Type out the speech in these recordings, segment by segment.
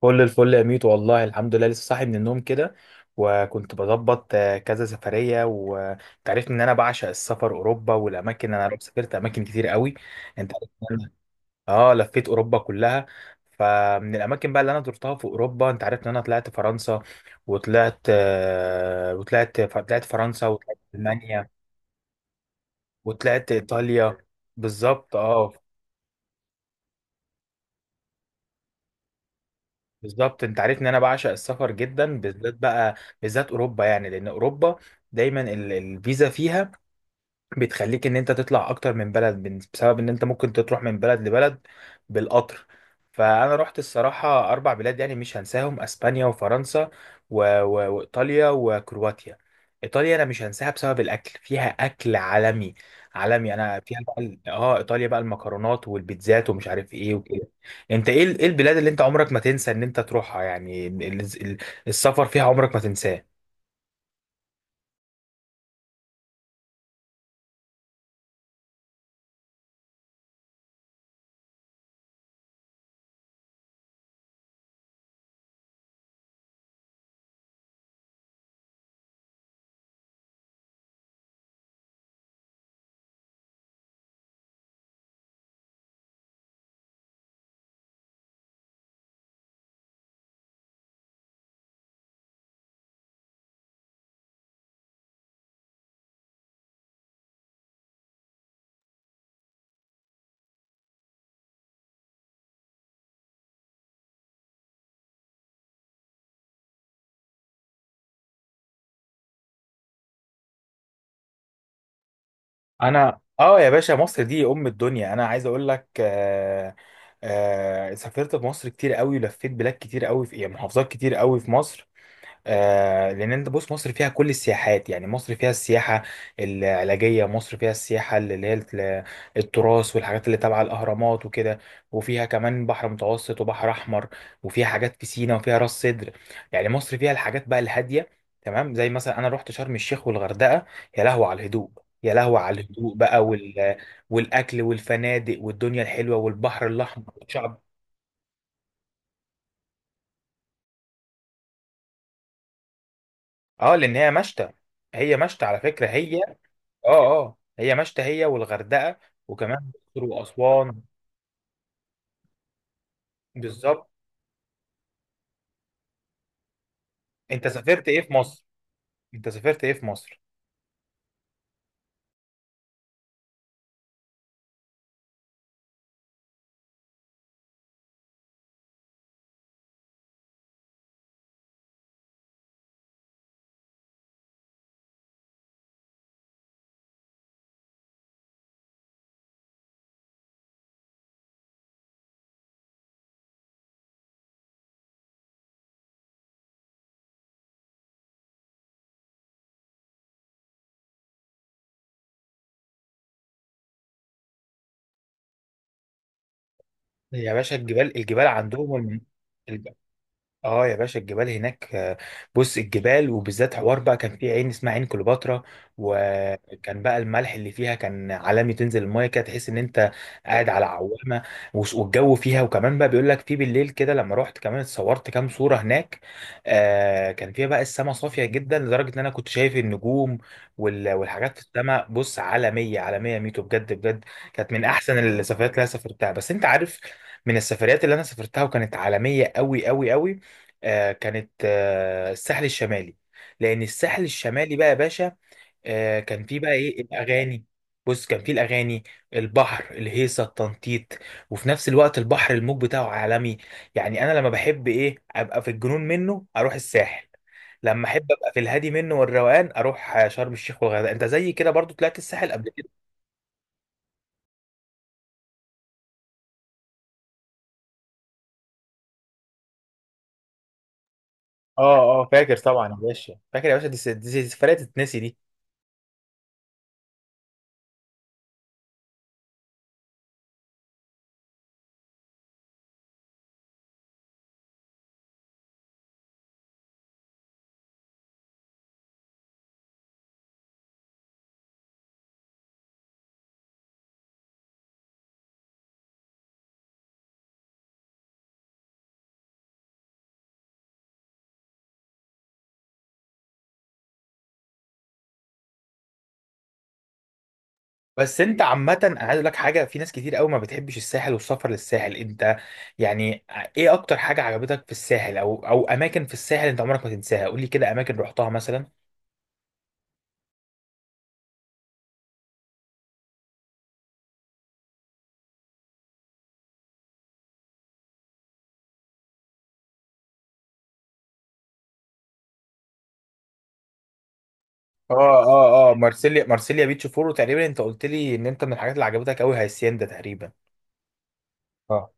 كل الفل يا ميت، والله الحمد لله، لسه صاحي من النوم كده. وكنت بظبط كذا سفرية، وانت عارف ان انا بعشق السفر، اوروبا والاماكن. انا سافرت اماكن كتير قوي. انت عارف إن أنا- اه، لفيت اوروبا كلها. فمن الاماكن بقى اللي انا زرتها في اوروبا، انت عارف ان انا طلعت فرنسا. وطلعت فرنسا، وطلعت المانيا، وطلعت ايطاليا. بالظبط، اه. بالظبط، انت عارف ان انا بعشق السفر جدا، بالذات بقى، بالذات اوروبا يعني، لان اوروبا دايما الفيزا فيها بتخليك ان انت تطلع اكتر من بلد، بسبب ان انت ممكن تروح من بلد لبلد بالقطر. فانا رحت الصراحة اربع بلاد يعني مش هنساهم: اسبانيا، وفرنسا، وايطاليا، وكرواتيا. ايطاليا انا مش هنساها بسبب الاكل، فيها اكل عالمي عالمي. انا فيها بقى ايطاليا بقى المكرونات والبيتزات، ومش عارف ايه وكده. انت ايه ايه البلاد اللي انت عمرك ما تنسى ان انت تروحها؟ يعني السفر فيها عمرك ما تنساه. انا، اه يا باشا، مصر دي ام الدنيا. انا عايز اقول لك، سافرت في مصر كتير قوي، ولفيت بلاد كتير قوي في، يعني، محافظات كتير قوي في مصر. لان انت بص، مصر فيها كل السياحات. يعني مصر فيها السياحه العلاجيه، مصر فيها السياحه اللي هي التراث، والحاجات اللي تبع الاهرامات وكده. وفيها كمان بحر متوسط وبحر احمر، وفيها حاجات في سينا، وفيها راس سدر. يعني مصر فيها الحاجات بقى الهاديه، تمام، زي مثلا انا رحت شرم الشيخ والغردقه. يا لهو على الهدوء، يا لهو على الهدوء بقى والاكل والفنادق والدنيا الحلوه، والبحر الاحمر والشعب. اه، لان هي مشتى. هي مشتى على فكره، هي. اه اه هي مشتى، هي والغردقه، وكمان الاقصر واسوان. بالظبط. انت سافرت ايه في مصر انت سافرت ايه في مصر؟ يا باشا، الجبال عندهم اه يا باشا الجبال هناك، بص، الجبال وبالذات حوار بقى، كان في عين اسمها عين كليوباترا. وكان بقى الملح اللي فيها كان عالمي، تنزل المايه كده تحس ان انت قاعد على عوامه. والجو فيها، وكمان بقى بيقول لك في بالليل كده، لما رحت كمان اتصورت كام صوره هناك. كان فيها بقى السماء صافيه جدا لدرجه ان انا كنت شايف النجوم والحاجات في السماء، بص، عالميه عالميه، ميتو، بجد بجد. كانت من احسن السفريات اللي انا سافرتها، بس انت عارف، من السفريات اللي انا سافرتها وكانت عالميه قوي قوي قوي، كانت الساحل الشمالي. لان الساحل الشمالي بقى يا باشا، كان فيه بقى ايه الاغاني. بص، كان فيه الاغاني، البحر، الهيصه، التنطيط، وفي نفس الوقت البحر الموج بتاعه عالمي. يعني انا لما بحب ايه ابقى في الجنون منه، اروح الساحل. لما احب ابقى في الهادي منه والروقان، اروح شرم الشيخ والغردقه. انت زي كده برضو طلعت الساحل قبل كده؟ اه، اه، فاكر طبعا يا باشا، فاكر يا باشا، دي سفرية تتنسي دي. بس انت عامة، انا عايز اقول لك حاجة، في ناس كتير قوي ما بتحبش الساحل والسفر للساحل. انت يعني، ايه اكتر حاجة عجبتك في الساحل، او اماكن في الساحل انت عمرك ما تنساها؟ قول لي كده اماكن رحتها مثلا. اه، اه، اه، مارسيليا بيتش فورو تقريبا، انت قلت لي ان انت، من الحاجات اللي عجبتك قوي، هاسيندا تقريبا. اه،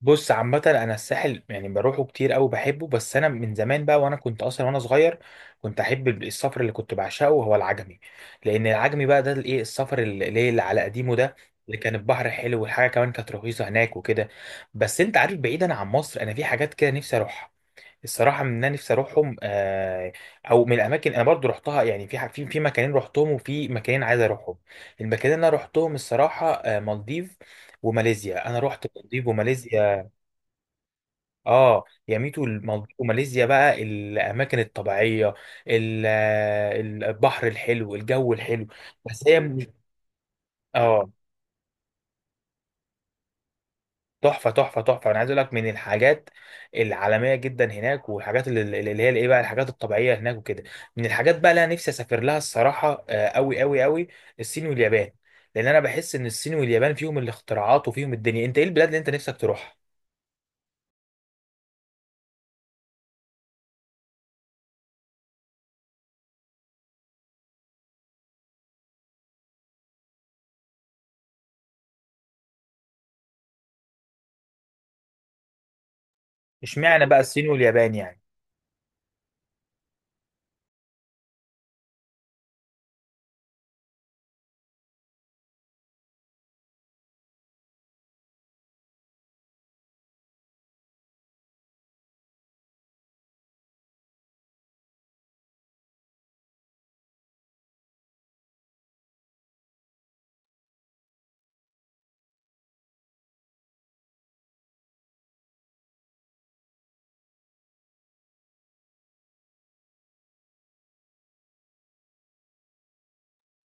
بص، عامة أنا الساحل يعني بروحه كتير أوي، بحبه. بس أنا من زمان بقى، وأنا كنت أصلا وأنا صغير، كنت أحب السفر اللي كنت بعشقه هو العجمي. لأن العجمي بقى ده الإيه، السفر اللي على قديمه ده، اللي كان البحر حلو، والحاجة كمان كانت رخيصة هناك وكده. بس أنت عارف، بعيدا عن مصر، أنا في حاجات كده نفسي أروحها الصراحة، من، أنا نفسي أروحهم. أو من الأماكن أنا برضو رحتها، يعني في في مكانين رحتهم، وفي مكانين عايز أروحهم. المكانين اللي أنا رحتهم الصراحة، مالديف وماليزيا. أنا رحت مالديف وماليزيا. اه يا ميتو، المالديف وماليزيا بقى، الاماكن الطبيعيه، ال- البحر الحلو، الجو الحلو. بس هي مش، اه، تحفه تحفه تحفه. انا عايز اقول لك، من الحاجات العالميه جدا هناك، والحاجات اللي هي الايه بقى، الحاجات الطبيعيه هناك وكده. من الحاجات بقى اللي انا نفسي اسافر لها الصراحه، قوي قوي قوي، الصين واليابان. لان انا بحس ان الصين واليابان فيهم الاختراعات وفيهم الدنيا. انت ايه البلاد اللي انت نفسك تروحها؟ اشمعنى بقى الصين واليابان يعني؟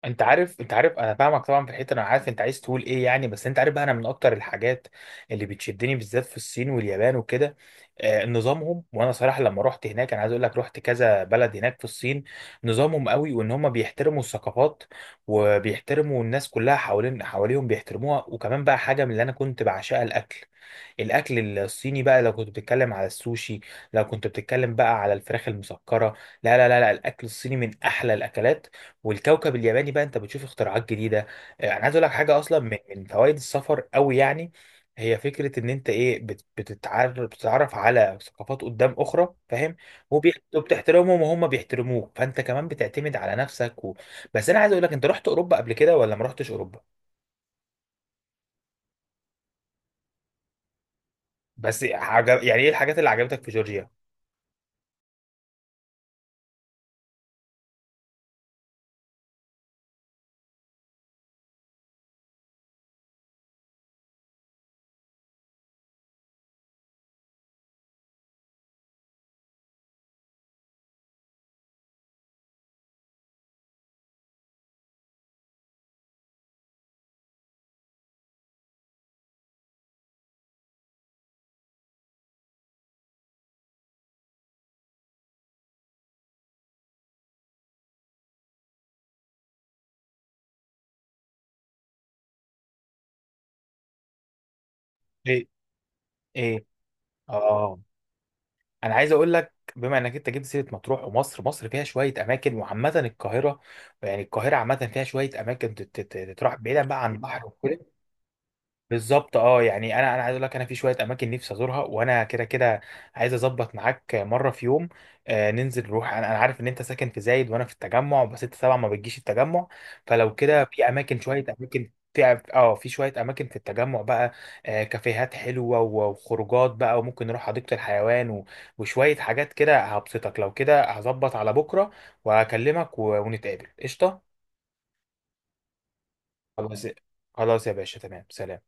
انت عارف انا فاهمك طبعا في الحته، انا عارف انت عايز تقول ايه يعني. بس انت عارف بقى، انا من اكتر الحاجات اللي بتشدني بالذات في الصين واليابان وكده، نظامهم. وانا صراحه لما رحت هناك، انا عايز اقول لك، رحت كذا بلد هناك في الصين. نظامهم قوي، وان هم بيحترموا الثقافات، وبيحترموا الناس كلها حوالين حواليهم، بيحترموها. وكمان بقى حاجه من اللي انا كنت بعشقها، الاكل. الاكل الصيني بقى، لو كنت بتتكلم على السوشي، لو كنت بتتكلم بقى على الفراخ المسكره، لا، لا، لا، لا، الاكل الصيني من احلى الاكلات. والكوكب الياباني بقى، انت بتشوف اختراعات جديده. انا عايز اقول لك حاجه اصلا، من فوائد السفر قوي يعني، هي فكره ان انت ايه، بتتعرف على ثقافات قدام اخرى، فاهم؟ وبتحترمهم وهم بيحترموك، فانت كمان بتعتمد على نفسك. بس انا عايز اقول لك، انت رحت اوروبا قبل كده ولا ما رحتش اوروبا؟ يعني ايه الحاجات اللي عجبتك في جورجيا؟ ايه، ايه، اه، انا عايز اقول لك، بما انك انت جبت سيره مطروح ومصر، مصر فيها شويه اماكن. وعامه القاهره، يعني القاهره عامه فيها شويه اماكن تتراح بعيدا بقى عن البحر وكده. بالظبط، اه يعني انا عايز اقول لك، انا في شويه اماكن نفسي ازورها، وانا كده كده عايز اظبط معاك مره في يوم، ننزل نروح. انا عارف ان انت ساكن في زايد، وانا في التجمع، بس انت طبعا ما بتجيش التجمع. فلو كده، في اماكن، شويه اماكن، في شويه اماكن في التجمع بقى، كافيهات حلوه، وخروجات بقى، وممكن نروح حديقه الحيوان وشويه حاجات كده هبسطك. لو كده هظبط على بكره وهكلمك، ونتقابل، قشطه. خلاص. خلاص يا باشا، تمام، سلام.